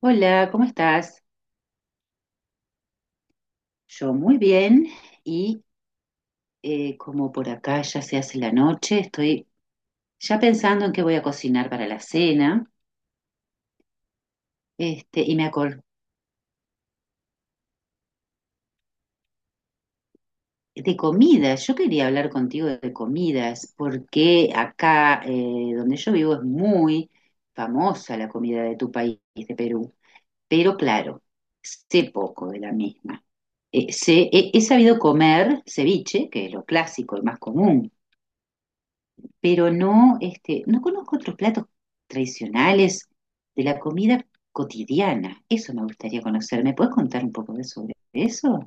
Hola, ¿cómo estás? Yo muy bien y como por acá ya se hace la noche, estoy ya pensando en qué voy a cocinar para la cena. Este, y me acordé de comidas. Yo quería hablar contigo de comidas porque acá donde yo vivo es muy famosa la comida de tu país, de Perú. Pero claro, sé poco de la misma. He sabido comer ceviche, que es lo clásico, el más común, pero no, este, no conozco otros platos tradicionales de la comida cotidiana. Eso me gustaría conocer. ¿Me puedes contar un poco de sobre eso?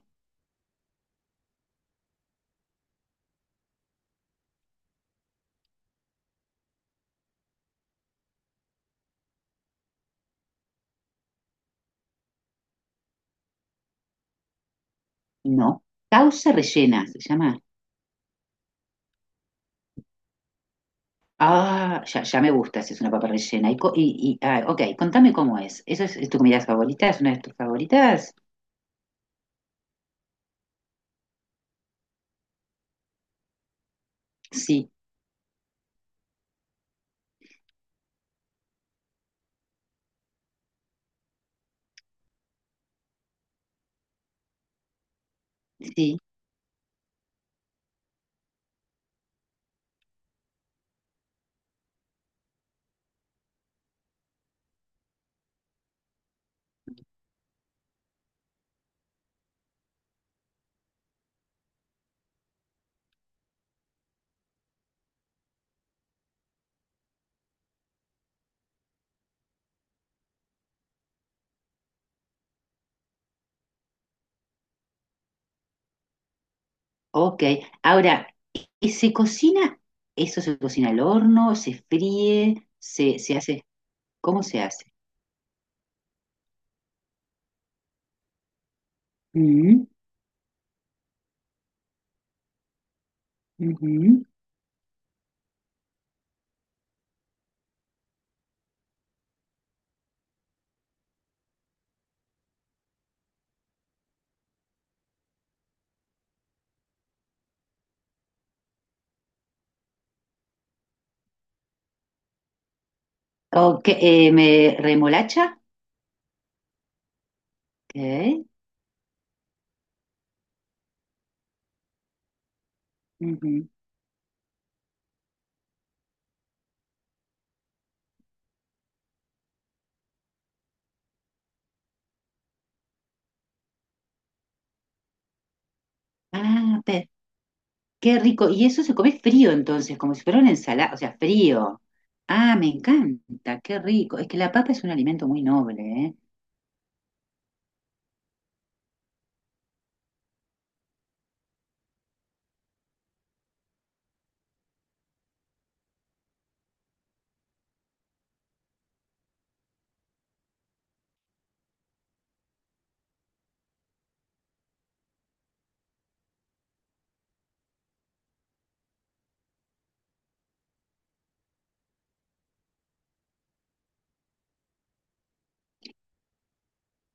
No. Causa rellena, se llama. Ah, ya, ya me gusta si es una papa rellena. Ok, contame cómo es. ¿Eso es tu comida favorita? ¿Es una de tus favoritas? Sí, sí. Ok. Ahora, ¿y se cocina? ¿Eso se cocina al horno? ¿Se fríe? ¿Se hace? ¿Cómo se hace? Mm, ujú. Ok, me remolacha. Ok. Ujú. Ah, pe- qué rico. Y eso se come frío entonces, como si fuera una ensalada, o sea, frío. Ah, me encanta, qué rico. Es que la papa es un alimento muy noble, ¿eh?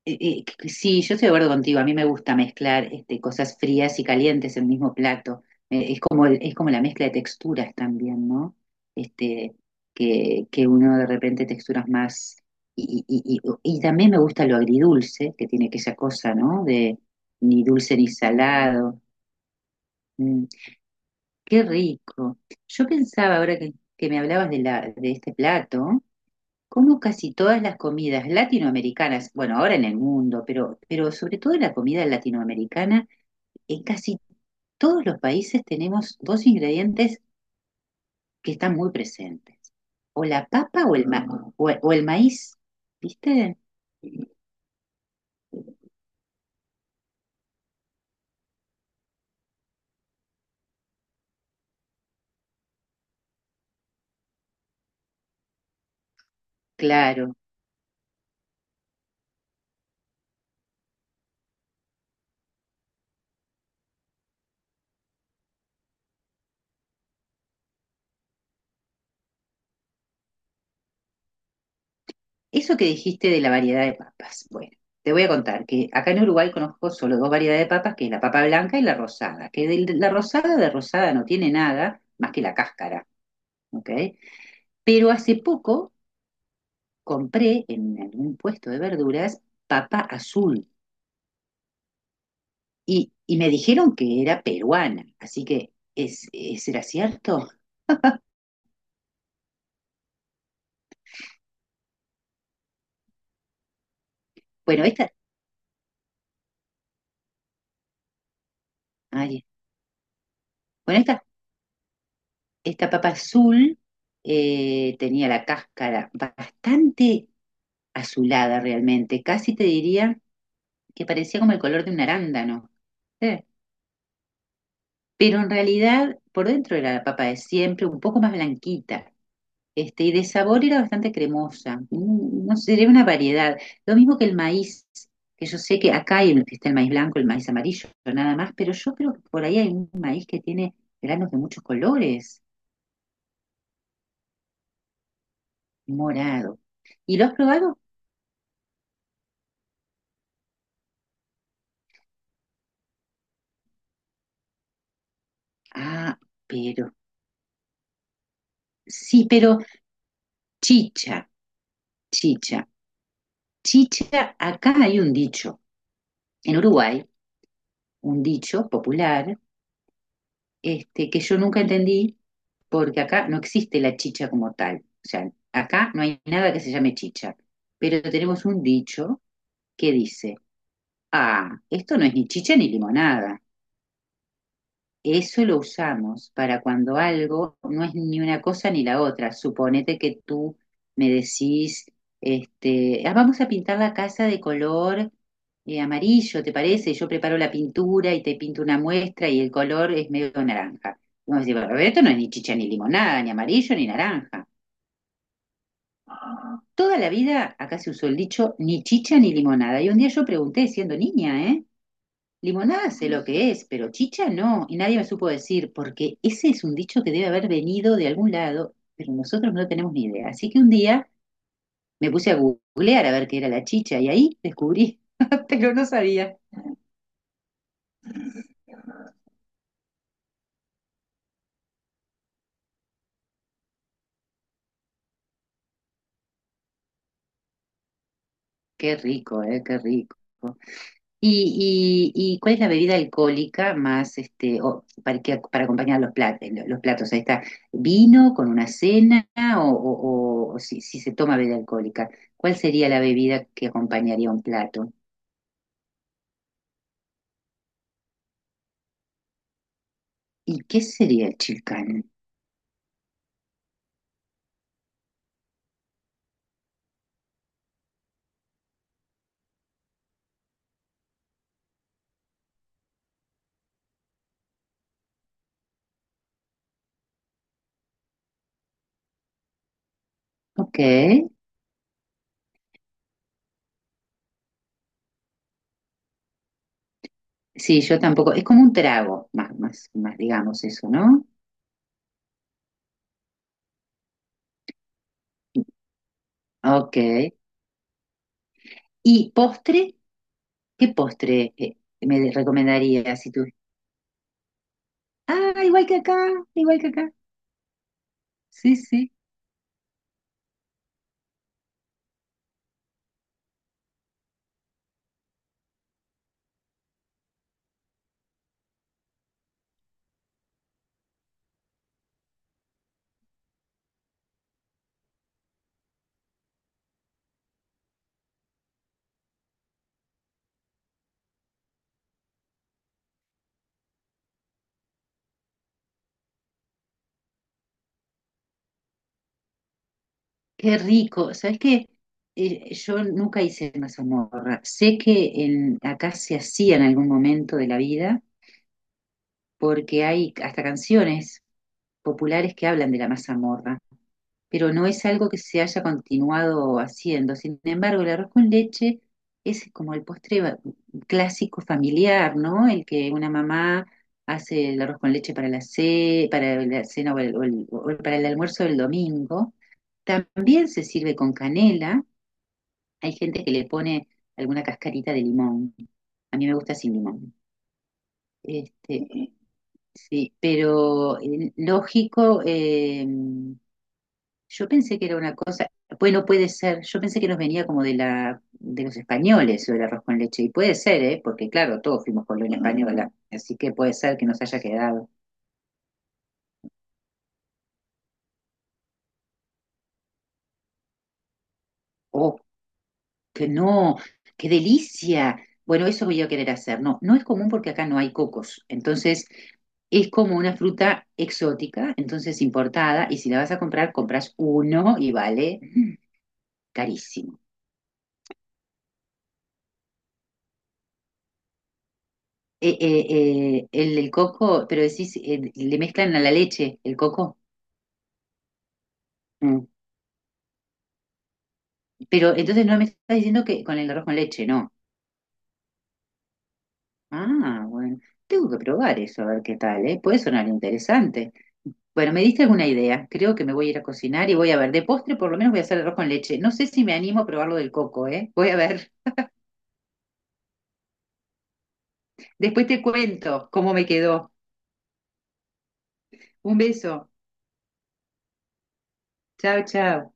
Eh, Sí, yo estoy de acuerdo contigo. A mí me gusta mezclar este, cosas frías y calientes en el mismo plato. Es como el- es como la mezcla de texturas también, ¿no? Este, que uno de repente texturas más. Y también me gusta lo agridulce, que tiene aquella cosa, ¿no? De ni dulce ni salado. Mm, qué rico. Yo pensaba ahora que me hablabas de, la, de este plato. Como casi todas las comidas latinoamericanas, bueno, ahora en el mundo, pero sobre todo en la comida latinoamericana, en casi todos los países tenemos dos ingredientes que están muy presentes, o la papa o el maíz, ¿viste? Claro, eso que dijiste de la variedad de papas, bueno, te voy a contar que acá en Uruguay conozco solo dos variedades de papas, que es la papa blanca y la rosada, que de la rosada de rosada no tiene nada más que la cáscara, ¿ok? Pero hace poco compré en algún puesto de verduras papa azul y me dijeron que era peruana, así que ¿será cierto? Bueno, esta, ay, bueno, esta papa azul tenía la cáscara bastante azulada realmente, casi te diría que parecía como el color de un arándano. Eh, pero en realidad por dentro era la papa de siempre, un poco más blanquita. Este, y de sabor era bastante cremosa, mm, no sé, era una variedad. Lo mismo que el maíz, que yo sé que acá hay, está el maíz blanco, el maíz amarillo, nada más, pero yo creo que por ahí hay un maíz que tiene granos de muchos colores, morado. ¿Y lo has probado? Ah, pero, sí, pero chicha, chicha, chicha, acá hay un dicho, en Uruguay, un dicho popular, este, que yo nunca entendí, porque acá no existe la chicha como tal. O sea, acá no hay nada que se llame chicha, pero tenemos un dicho que dice, ah, esto no es ni chicha ni limonada. Eso lo usamos para cuando algo no es ni una cosa ni la otra. Suponete que tú me decís, este, "Ah, vamos a pintar la casa de color amarillo, ¿te parece? Yo preparo la pintura y te pinto una muestra y el color es medio naranja". Vamos a decir, "Bueno, pero esto no es ni chicha ni limonada, ni amarillo ni naranja". Toda la vida acá se usó el dicho ni chicha ni limonada. Y un día yo pregunté, siendo niña, ¿eh? Limonada sé lo que es, pero chicha no. Y nadie me supo decir, porque ese es un dicho que debe haber venido de algún lado, pero nosotros no tenemos ni idea. Así que un día me puse a googlear a ver qué era la chicha y ahí descubrí, pero no sabía. Qué rico, ¿eh? Qué rico. ¿Y cuál es la bebida alcohólica más, este, para acompañar los platos, los platos? Ahí está, vino con una cena o si, si se toma bebida alcohólica, ¿cuál sería la bebida que acompañaría un plato? ¿Y qué sería el chilcán? Ok, sí, yo tampoco, es como un trago, más, más, más, digamos eso, ¿no? Ok, ¿y postre? ¿Qué postre me recomendarías si tú? Ah, igual que acá, sí, sí. Qué rico. ¿Sabes qué? Yo nunca hice una mazamorra. Sé que en, acá se hacía en algún momento de la vida, porque hay hasta canciones populares que hablan de la mazamorra, pero no es algo que se haya continuado haciendo. Sin embargo, el arroz con leche es como el postre clásico familiar, ¿no? El que una mamá hace el arroz con leche para la, para la cena o para el almuerzo del domingo. También se sirve con canela. Hay gente que le pone alguna cascarita de limón. A mí me gusta sin limón. Este, sí, pero lógico, yo pensé que era una cosa, bueno, puede ser, yo pensé que nos venía como de la, de los españoles o el arroz con leche, y puede ser, ¿eh? Porque claro, todos fuimos colonia española, así que puede ser que nos haya quedado. O que no, qué delicia. Bueno, eso voy a querer hacer. No, no es común porque acá no hay cocos. Entonces, es como una fruta exótica, entonces importada, y si la vas a comprar, compras uno y vale carísimo. El coco, pero decís, le mezclan a la leche el coco. Mm. Pero entonces no me estás diciendo que con el arroz con leche, no. Ah, bueno. Tengo que probar eso, a ver qué tal, ¿eh? Puede sonar interesante. Bueno, me diste alguna idea. Creo que me voy a ir a cocinar y voy a ver. De postre, por lo menos voy a hacer arroz con leche. No sé si me animo a probar lo del coco, ¿eh? Voy a ver. Después te cuento cómo me quedó. Un beso. Chao, chao.